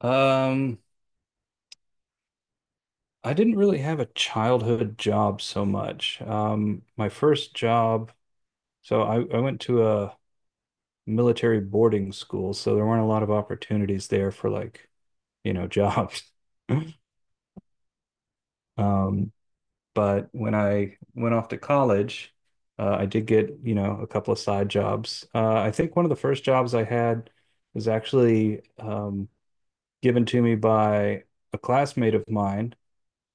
Um, I didn't really have a childhood job so much. My first job, so I went to a military boarding school, so there weren't a lot of opportunities there for like, you know, jobs. Um, but when I went off to college, I did get, you know, a couple of side jobs. I think one of the first jobs I had was actually given to me by a classmate of mine.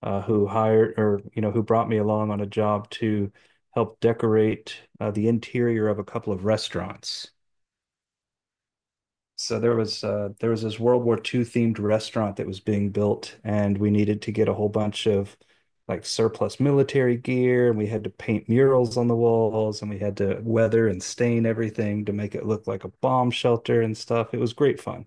Who hired, or you know, who brought me along on a job to help decorate the interior of a couple of restaurants. So there was this World War II themed restaurant that was being built, and we needed to get a whole bunch of like surplus military gear, and we had to paint murals on the walls, and we had to weather and stain everything to make it look like a bomb shelter and stuff. It was great fun.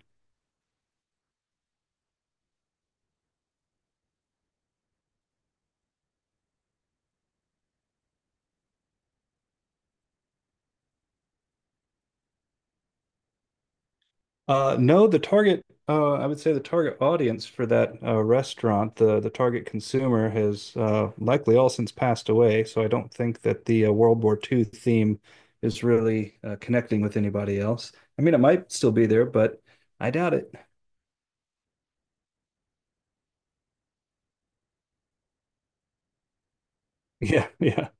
No, the target, I would say the target audience for that restaurant, the target consumer has likely all since passed away. So I don't think that the World War II theme is really connecting with anybody else. I mean, it might still be there, but I doubt it. Yeah, yeah.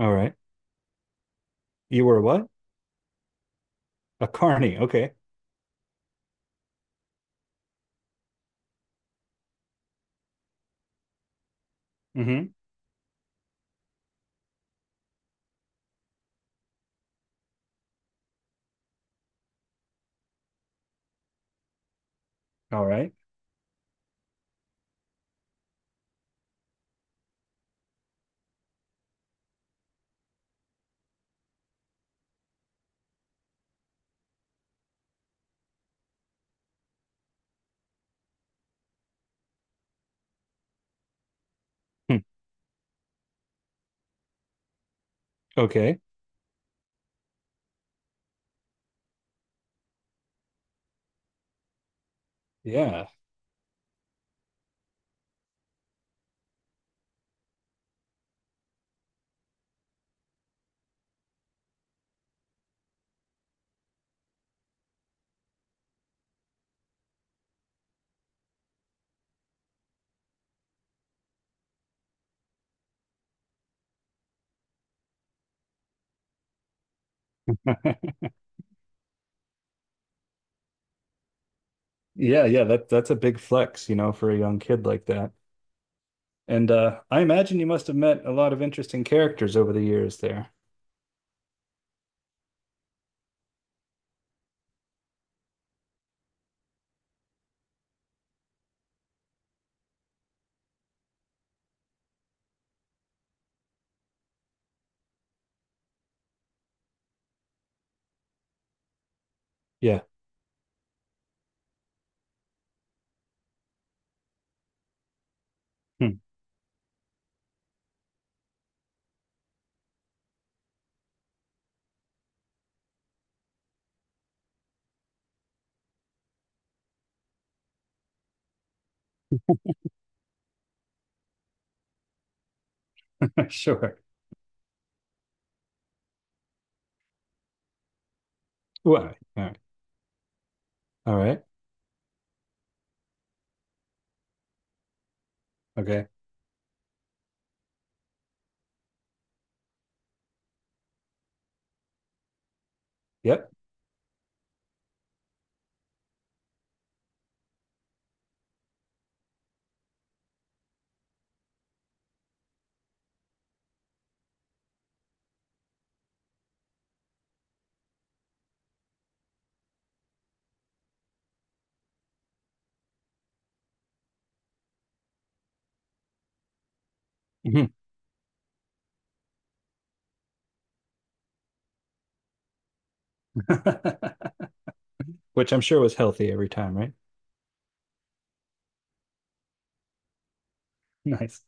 All right. You were what? A carny. Okay. Mm-hmm. All right. Hmm. Okay. Yeah. Yeah, yeah. That that's a big flex, you know, for a young kid like that. And I imagine you must have met a lot of interesting characters over the years there. Yeah. Sure. Well, all right. All right. Okay. Yep. Mhm. Which I'm sure was healthy every time, right? Nice.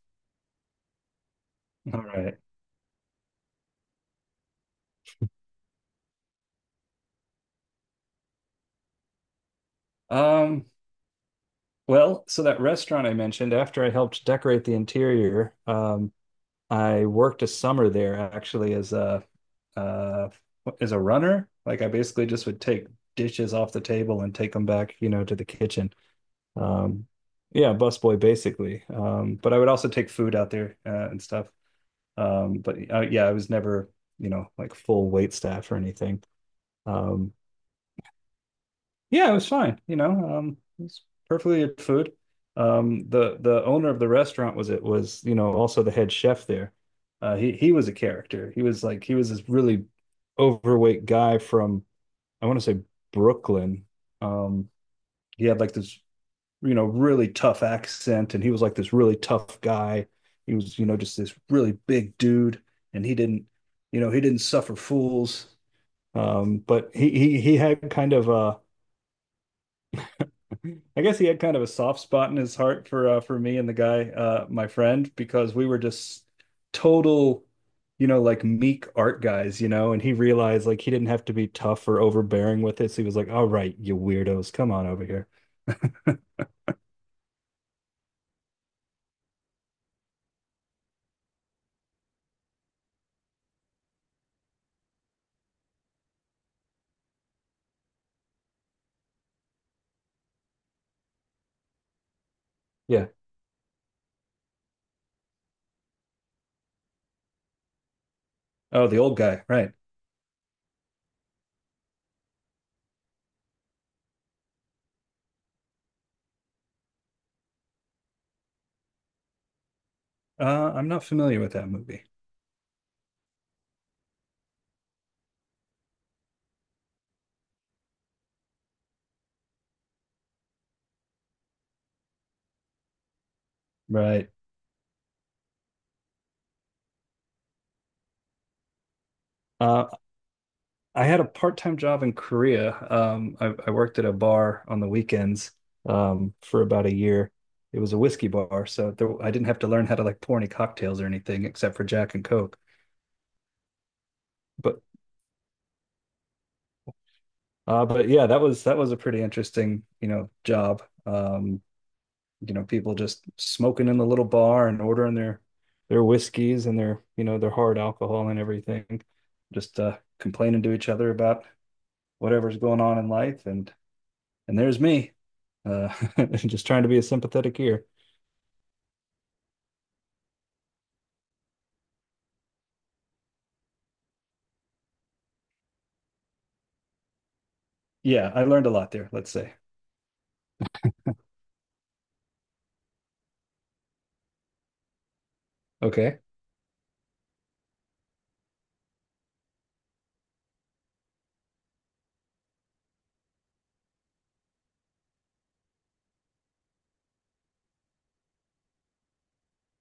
All right. Um, well, so that restaurant I mentioned, after I helped decorate the interior, I worked a summer there actually uh, as a runner. Like I basically just would take dishes off the table and take them back, you know, to the kitchen. Um, yeah, busboy basically. But I would also take food out there and stuff. But yeah, I was never, you know, like full wait staff or anything. Um, yeah, it was fine. You know, it was perfectly good food. The owner of the restaurant was, it was, you know, also the head chef there. He was a character. He was like, he was this really overweight guy from, I want to say, Brooklyn. Um, he had like this, you know, really tough accent. And he was like this really tough guy. He was, you know, just this really big dude. And he didn't, you know, he didn't suffer fools. But he had kind of a, I guess he had kind of a soft spot in his heart for me and the guy, my friend, because we were just total, you know, like meek art guys, you know. And he realized like he didn't have to be tough or overbearing with this. He was like, "All right, you weirdos, come on over here." Yeah. Oh, the old guy, right? I'm not familiar with that movie. Right. Uh, I had a part-time job in Korea. I worked at a bar on the weekends for about a year. It was a whiskey bar, so there, I didn't have to learn how to like pour any cocktails or anything except for Jack and Coke. But but yeah, that was a pretty interesting, you know, job. You know, people just smoking in the little bar and ordering their whiskeys and their, you know, their hard alcohol and everything, just complaining to each other about whatever's going on in life, and there's me uh just trying to be a sympathetic ear. Yeah, I learned a lot there, let's say. Okay.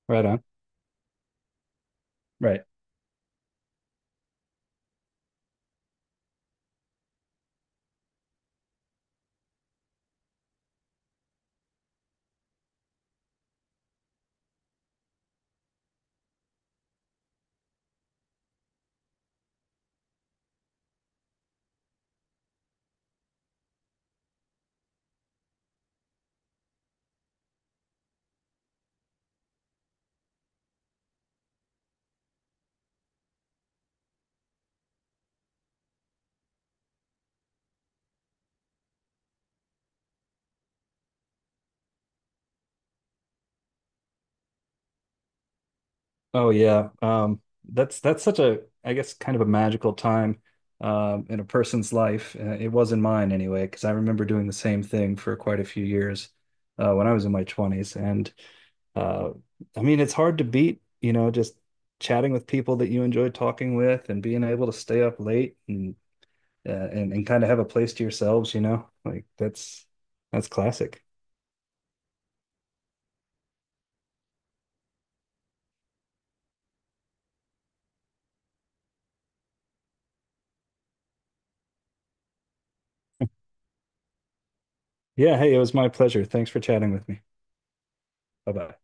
Right on. Right. Oh yeah. That's such a, I guess, kind of a magical time in a person's life. It was in mine anyway, because I remember doing the same thing for quite a few years when I was in my 20s, and uh I mean, it's hard to beat, you know, just chatting with people that you enjoy talking with and being able to stay up late and kind of have a place to yourselves, you know? Like that's classic. Yeah, hey, it was my pleasure. Thanks for chatting with me. Bye-bye.